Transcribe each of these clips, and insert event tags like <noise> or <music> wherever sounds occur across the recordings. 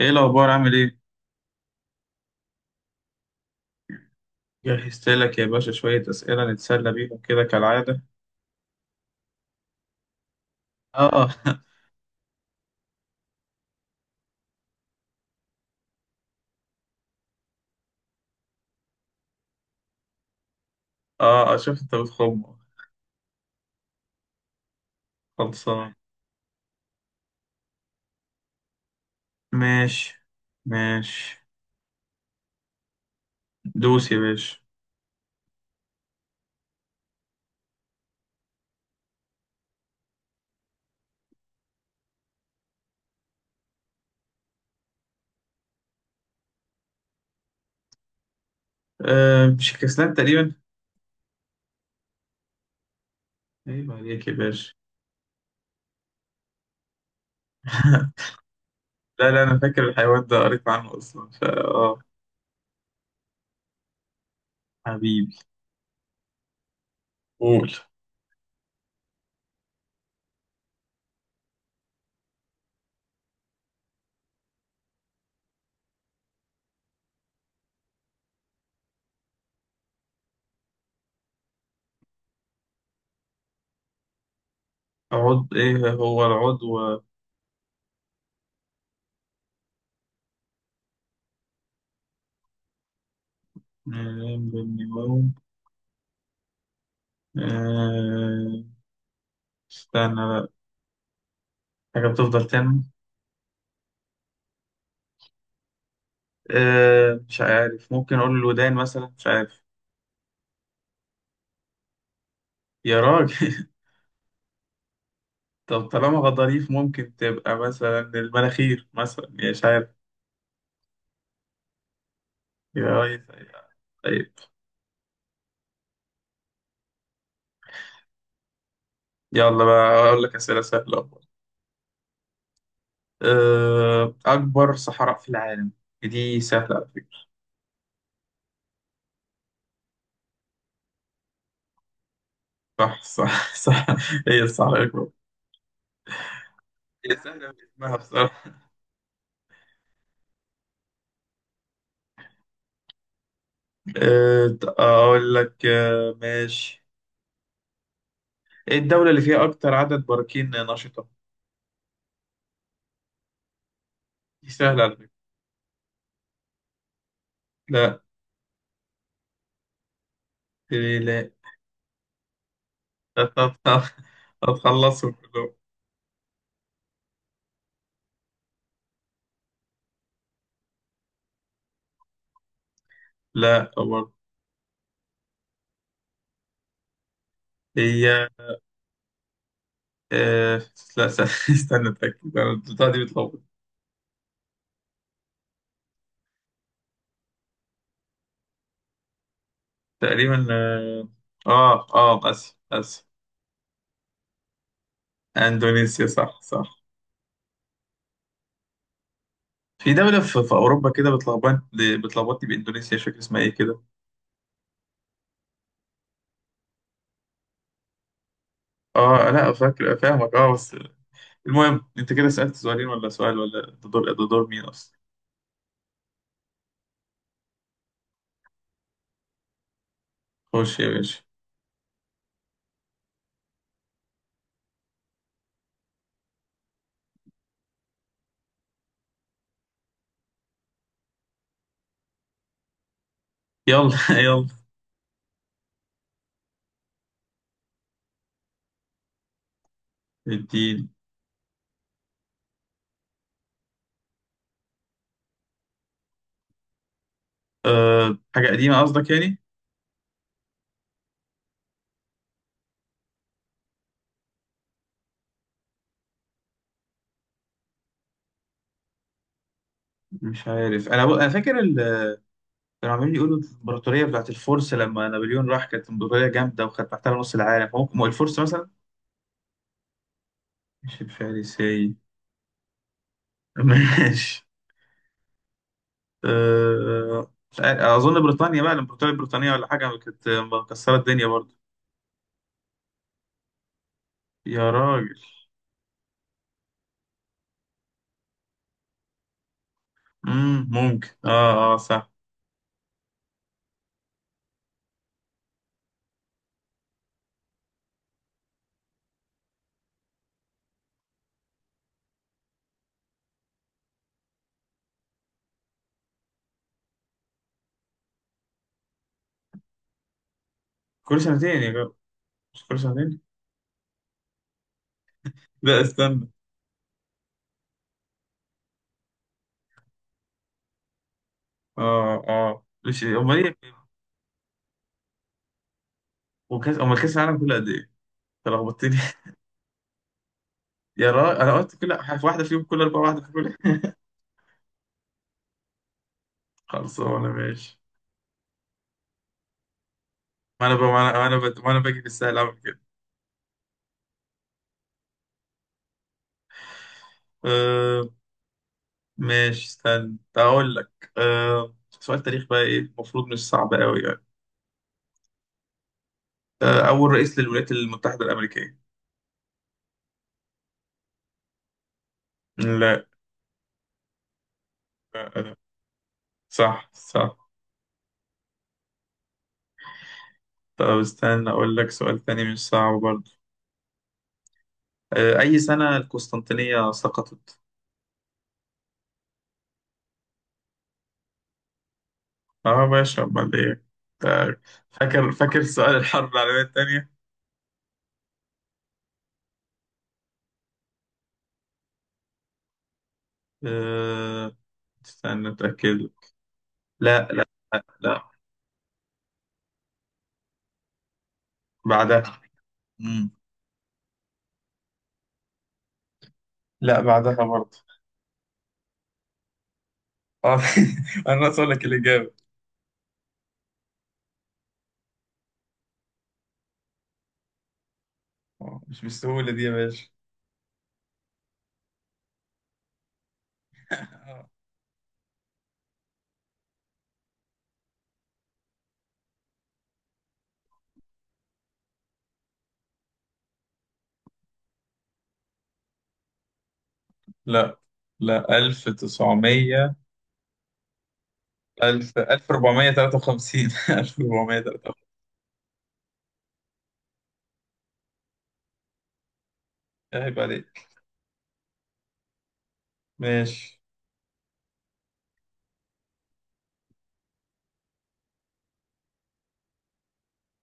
ايه الاخبار؟ عامل ايه؟ جهزت لك يا باشا شويه اسئله نتسلى بيهم كده كالعاده. اه <laughs> اه اشوف انت بتخم. خلصان. ماشي ماشي. دوس يا باشا. مش كسلان تقريبا. ايوه عليك يا باشا. <laughs> لا لا انا فاكر الحيوان ده قريت عنه اصلا فا حبيبي. قول. عضو ايه هو العضو من النمو. آه استنى بقى. حاجه بتفضل تنمو. مش عارف ممكن اقول الودان مثلا مش عارف. يا راجل. <laughs> طب طالما غضاريف ممكن تبقى مثلا المناخير مثلا يا مش عارف. يا ريس. طيب. يلا بقى اقول لك اسئله سهله أهو. اكبر صحراء في العالم. دي سهله على فكره. صح صح <laughs> صح. هي الصحراء الاكبر. هي سهله باسمها بصراحه. اقول لك ماشي. ايه الدوله اللي فيها اكتر عدد براكين نشطه؟ دي سهله على فكره. لا لا لا <laughs> هتخلصهم كلهم. لا برضه. هي آه... لا <laughs> استنى اتاكد انا البتاعه دي بتلخبط. تقريبا. اسيا اسيا. اندونيسيا صح صح. في دولة في أوروبا كده بتلخبط. بتلخبطني بإندونيسيا مش فاكر اسمها إيه كده. لا فاكر فاهمك بس. المهم أنت كده سألت سؤالين ولا سؤال ولا ده دور مين أصلا. خش يا باشا. يلا <laughs> يلا. الدين. حاجة قديمة قصدك يعني. مش عارف أنا فاكر. كانوا عمالين يقولوا الامبراطوريه بتاعت الفرس لما نابليون راح كانت امبراطوريه جامده وكانت محتله نص العالم هو هو الفرس مثلا. مش الفارسي. <laughs> ماشي. مش عارف. اظن بريطانيا بقى الامبراطوريه البريطانيه ولا حاجه كانت مكسره الدنيا برضه. يا راجل. ممكن صح. كل سنتين يا جماعة. مش كل سنتين. لا استنى. اه مش امال ايه. وكاس امال كاس العالم كله قد ايه؟ تلخبطتني <laughs> يا راجل انا قلت كل واحده فيهم كل اربعه واحده في كل. <laughs> خلصانه ماشي. ما انا ب... ما انا ما انا, ب... ما أنا باجي بالسهل اعمل كده. أه... ماشي. استنى اقول لك سؤال تاريخ بقى ايه المفروض مش صعب قوي يعني. اول رئيس للولايات المتحدة الامريكية. لا. أه... صح صح. طب استنى اقول لك سؤال تاني مش صعب برضه. اي سنة القسطنطينية سقطت؟ اه باشا امال ايه. طيب، فاكر فاكر سؤال الحرب العالمية التانية. أه... استنى اتاكد. لا لا لا بعدها. مم. لا بعدها برضه. اه. <laughs> انا ناقص اقول لك الاجابه. مش بالسهوله دي يا باشا. آه، لا. لا 1900. 1000 1453 1453. <laughs> عيب عليك. ماشي.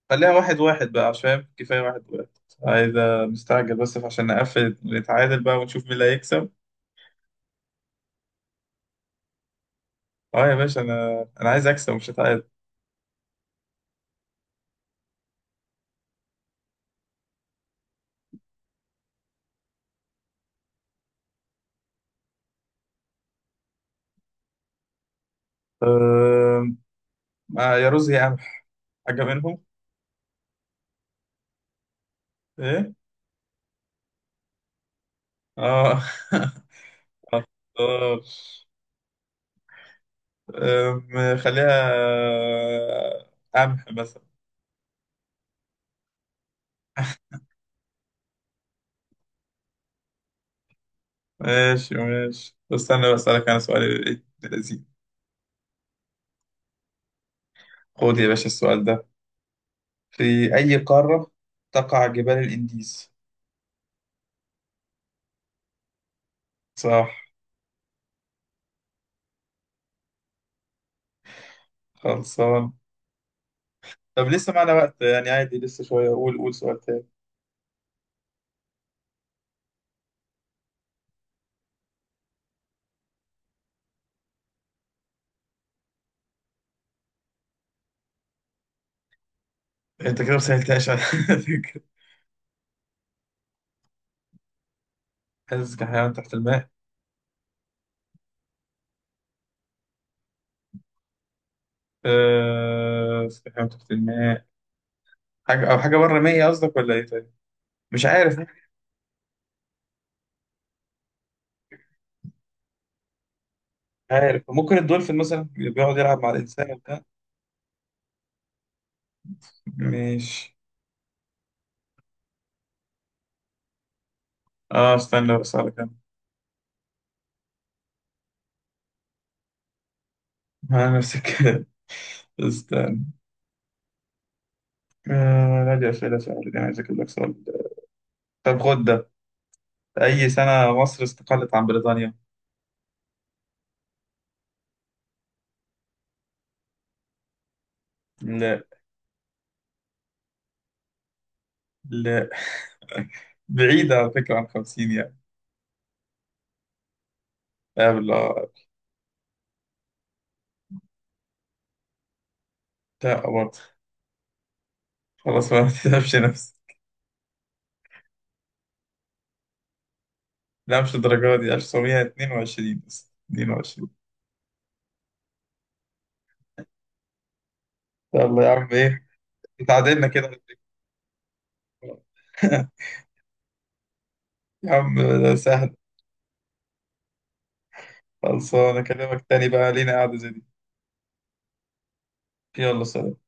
خليها واحد واحد بقى عشان كفايه واحد واحد. عايز. مستعجل بس عشان نقفل نتعادل بقى ونشوف مين اللي هيكسب. اه يا باشا انا عايز اكسب مش هتعادل. أم... آه يا رز يا قمح. حاجه منهم. ايه. اه. <laughs> آه. أم، خليها قمح مثلا. ماشي ماشي طب استنى بسألك أنا سؤال ابن لذيذ. خد يا باشا السؤال ده. في أي قارة تقع جبال الإنديز؟ صح. خلصان. طب لسه معنا وقت يعني عادي لسه شوية. قول قول سؤال تاني. أنت كده مسهلتهاش على فكرة. حاسس كحيوان تحت الماء. كحيوان تحت الماء. حاجة أو حاجة بره مية قصدك ولا إيه طيب؟ مش عارف مش عارف ممكن الدولفين مثلا بيقعد يلعب مع الإنسان وبتاع. ماشي. اه استنى بس على كده. <laughs> نفس الكلام. استنى. لا دي أسئلة سهلة دي أنا عايز أجيب لك سؤال. طب خد ده. أي سنة مصر استقلت عن بريطانيا؟ لا. لا. <laughs> بعيدة على فكرة عن 50 يعني. لا بالله. لا برضه. خلاص بقى ما تتعبش نفسك. لا مش الدرجة دي. 1922 بس 22. يلا يا عم إيه. اتعادلنا كده. <laughs> يا عم ده سهل. خلصانة أكلمك تاني بقى لينا قعدة زي دي. يلا سلام.